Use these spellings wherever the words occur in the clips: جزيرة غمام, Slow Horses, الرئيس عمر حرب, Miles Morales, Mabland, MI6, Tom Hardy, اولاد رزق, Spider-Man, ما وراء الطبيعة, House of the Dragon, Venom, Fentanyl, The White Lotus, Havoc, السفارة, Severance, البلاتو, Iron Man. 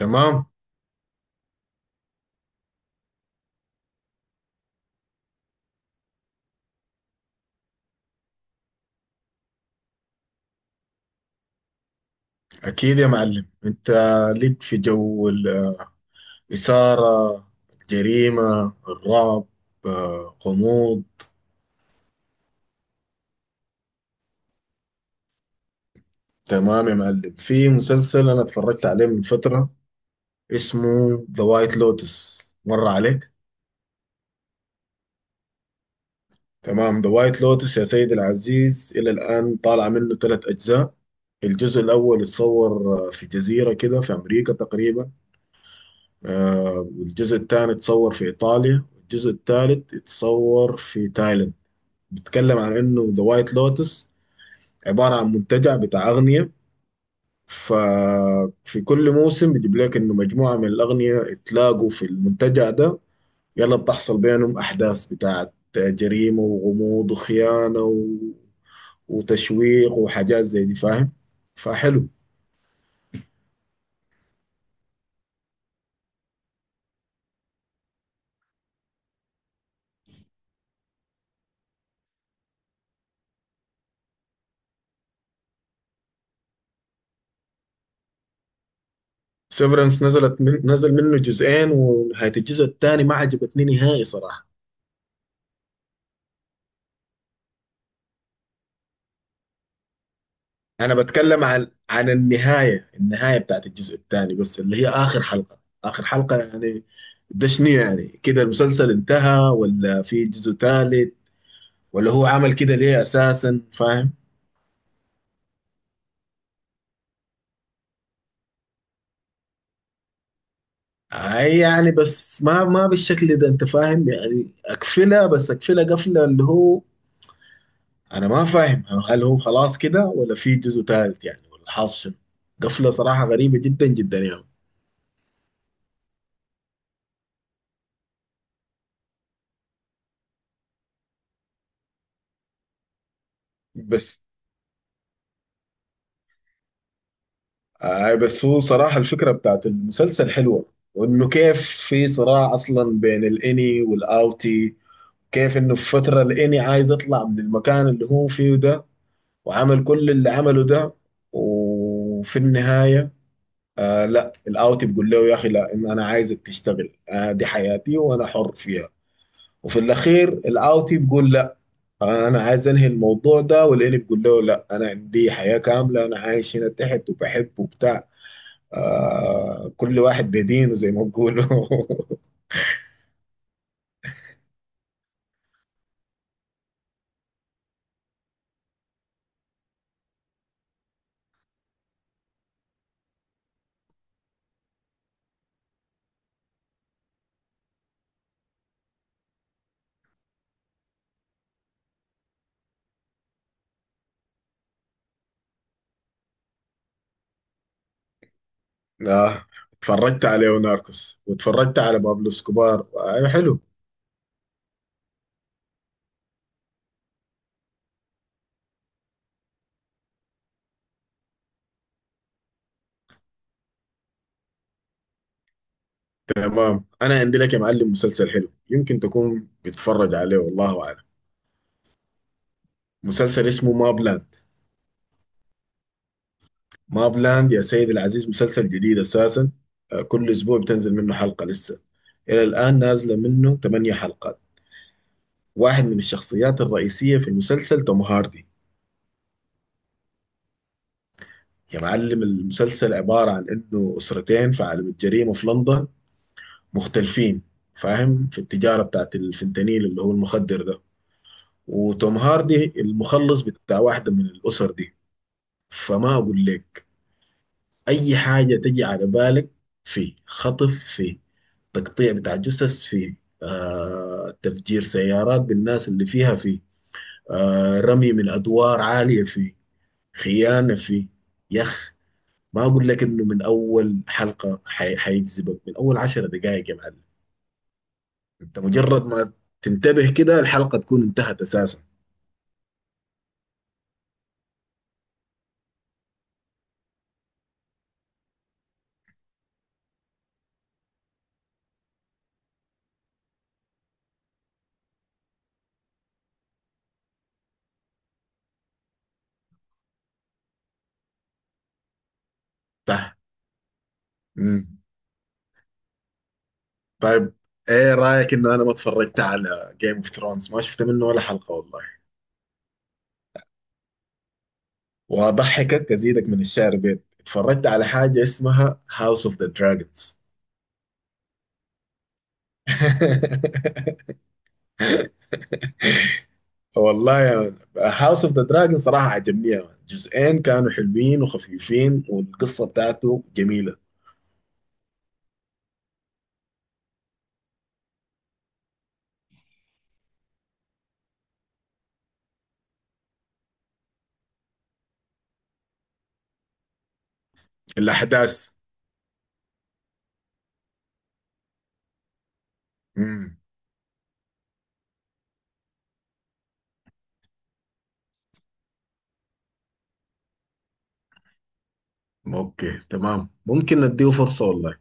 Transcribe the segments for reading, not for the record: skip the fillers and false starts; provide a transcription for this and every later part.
تمام. أكيد يا معلم، أنت ليك في جو الإثارة، الجريمة، الرعب، غموض. تمام يا معلم، في مسلسل أنا اتفرجت عليه من فترة اسمه ذا وايت لوتس، مر عليك؟ تمام، ذا وايت لوتس يا سيدي العزيز إلى الآن طالع منه ثلاث أجزاء. الجزء الأول اتصور في جزيرة كده في أمريكا تقريبا. والجزء الثاني اتصور في إيطاليا، والجزء الثالث اتصور في تايلاند. بيتكلم عن انه ذا وايت لوتس عباره عن منتجع بتاع اغنياء، ففي كل موسم بيجيب لك انه مجموعه من الاغنياء اتلاقوا في المنتجع ده، يلا بتحصل بينهم احداث بتاعت جريمه وغموض وخيانه و... وتشويق وحاجات زي دي، فاهم؟ فحلو. نزل منه جزئين، ونهايه الجزء الثاني ما عجبتني نهائي صراحه. انا بتكلم عن النهايه، النهايه بتاعت الجزء الثاني، بس اللي هي اخر حلقه يعني. ده شنو يعني؟ كده المسلسل انتهى ولا في جزء ثالث؟ ولا هو عمل كده ليه اساسا، فاهم؟ اي يعني، بس ما بالشكل ده انت، فاهم يعني؟ اقفلها، بس اقفلها قفله اللي هو، انا ما فاهم هل هو خلاص كده ولا في جزء ثالث يعني، ولا حاصل شنو؟ قفله صراحه غريبه جدا جدا يعني. بس آه، بس هو صراحة الفكرة بتاعت المسلسل حلوة. وانه كيف في صراع اصلا بين الاني والاوتي، كيف انه في فترة الاني عايز يطلع من المكان اللي هو فيه ده، وعمل كل اللي عمله ده، وفي النهاية آه، لا، الاوتي بيقول له يا اخي لا، إن انا عايزك تشتغل، آه دي حياتي وانا حر فيها. وفي الاخير الاوتي بيقول لا، آه انا عايز انهي الموضوع ده، والاني بيقول له لا، انا عندي حياة كاملة، انا عايش هنا تحت وبحب وبتاع. آه، كل واحد بدينه زي ما بيقولوا. آه. اتفرجت على ليوناركوس واتفرجت على بابلو اسكوبار، آه حلو. تمام، انا عندي لك يا معلم مسلسل حلو، يمكن تكون بتتفرج عليه والله اعلم. مسلسل اسمه مابلاند. مابلاند يا سيدي العزيز مسلسل جديد اساسا، آه كل اسبوع بتنزل منه حلقة لسه. الى الان نازلة منه 8 حلقات. واحد من الشخصيات الرئيسية في المسلسل توم هاردي. يا معلم، المسلسل عبارة عن انه اسرتين في عالم الجريمة في لندن مختلفين، فاهم، في التجارة بتاعت الفنتانيل اللي هو المخدر ده. وتوم هاردي المخلص بتاع واحدة من الأسر دي. فما أقول لك، أي حاجة تجي على بالك، في خطف، في تقطيع بتاع جثث، في آه تفجير سيارات بالناس اللي فيها، في آه رمي من أدوار عالية، في خيانة، في يخ. ما أقول لك إنه من أول حلقة حيجذبك من أول عشر دقائق يا معلم. انت مجرد ما تنتبه كده الحلقة تكون انتهت اساسا. صح. امم. طيب، ايه رأيك انه انا ما اتفرجت على جيم اوف ثرونز؟ ما شفت منه ولا حلقة والله. واضحكك، ازيدك من الشعر بيت، اتفرجت على حاجة اسمها هاوس اوف ذا دراجونز. والله يا مان، هاوس اوف ذا دراجون صراحة عجبني يا مان، جزئين كانوا حلوين وخفيفين والقصة بتاعته جميلة. الأحداث. امم، اوكي تمام، ممكن نديه فرصة والله.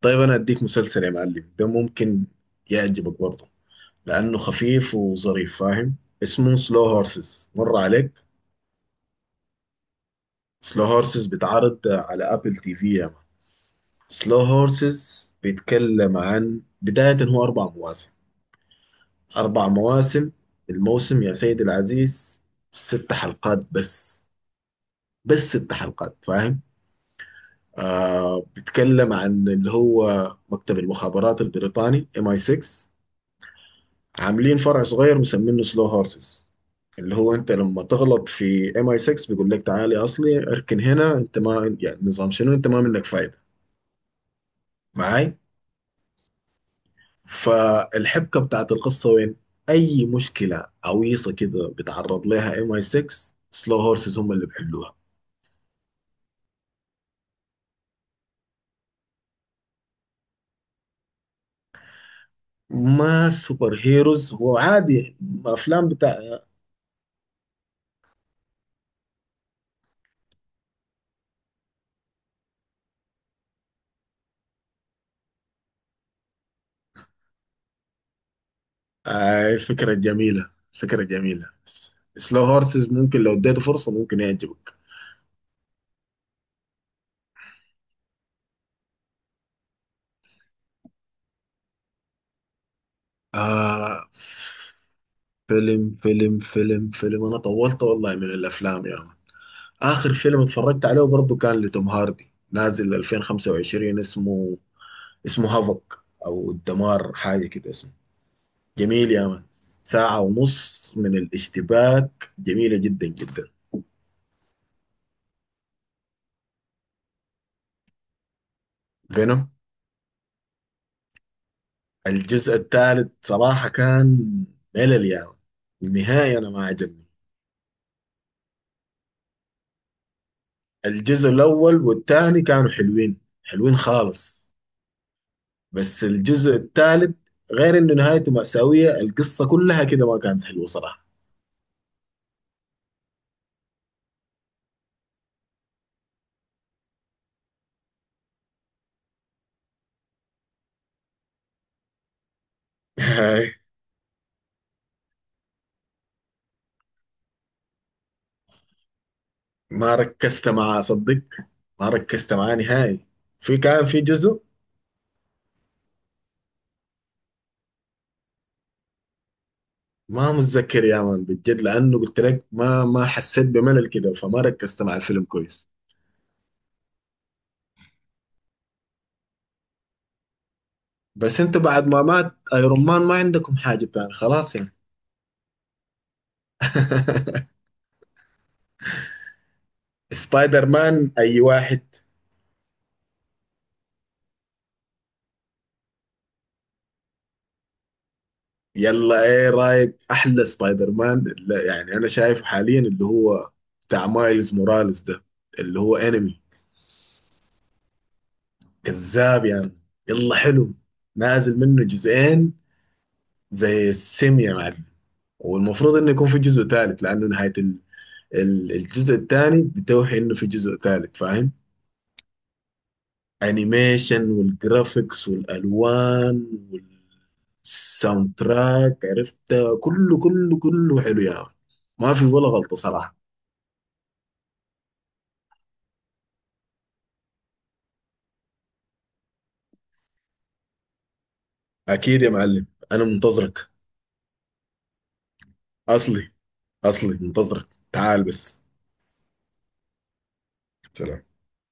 طيب انا اديك مسلسل يا معلم ده ممكن يعجبك برضه، لانه خفيف وظريف، فاهم. اسمه سلو هورسز، مر عليك؟ سلو هورسز بيتعرض على ابل تي في يا مان. سلو هورسز بيتكلم عن بداية، هو اربع مواسم، اربع مواسم. الموسم يا سيدي العزيز ست حلقات بس، بس ست حلقات، فاهم. آه، بيتكلم عن اللي هو مكتب المخابرات البريطاني ام اي 6، عاملين فرع صغير مسمينه سلو هورسز، اللي هو انت لما تغلط في ام اي 6 بيقول لك تعالي اصلي اركن هنا انت، ما يعني نظام شنو، انت ما منك فايده. معاي؟ فالحبكه بتاعت القصه وين، اي مشكله عويصه كده بتعرض لها ام اي 6 سلو هورسز هم اللي بيحلوها. ما سوبر هيروز هو عادي، افلام بتاع، آه فكره جميله، فكره جميله. سلو هورسز ممكن لو اديته فرصه ممكن يعجبك. آه، فيلم، انا طولت والله من الافلام يا ما. اخر فيلم اتفرجت عليه برضه كان لتوم هاردي، نازل 2025، اسمه هافك، او الدمار حاجه كده اسمه. جميل يا مان، ساعه ونص من الاشتباك، جميله جدا جدا. فينوم. الجزء الثالث صراحه كان ملل يا مان، النهايه انا ما عجبني. الجزء الاول والثاني كانوا حلوين، حلوين خالص. بس الجزء الثالث، غير انه نهايته مأساوية، القصة كلها كده ما كانت حلوة صراحة. هاي، ما ركزت معاه صدق، ما ركزت معاه نهائي. في كان في جزء، ما متذكر يا مان بالجد، لانه قلت لك ما حسيت بملل كده فما ركزت مع الفيلم كويس. بس انت بعد ما مات ايرون مان ما عندكم حاجة تاني خلاص يعني. سبايدر مان اي واحد؟ يلا، ايه رايك احلى سبايدر مان اللي يعني انا شايفه حاليا اللي هو بتاع مايلز موراليس ده اللي هو انمي كذاب يعني. يلا حلو، نازل منه جزئين زي السم يا معلم. والمفروض انه يكون في جزء ثالث، لانه نهاية الجزء الثاني بتوحي انه في جزء ثالث، فاهم. انيميشن والجرافيكس والالوان والساوند تراك، عرفت، كله حلو يا يعني. ما في ولا غلطة صراحة. اكيد يا معلم، انا منتظرك. اصلي اصلي منتظرك، تعال بس. سلام.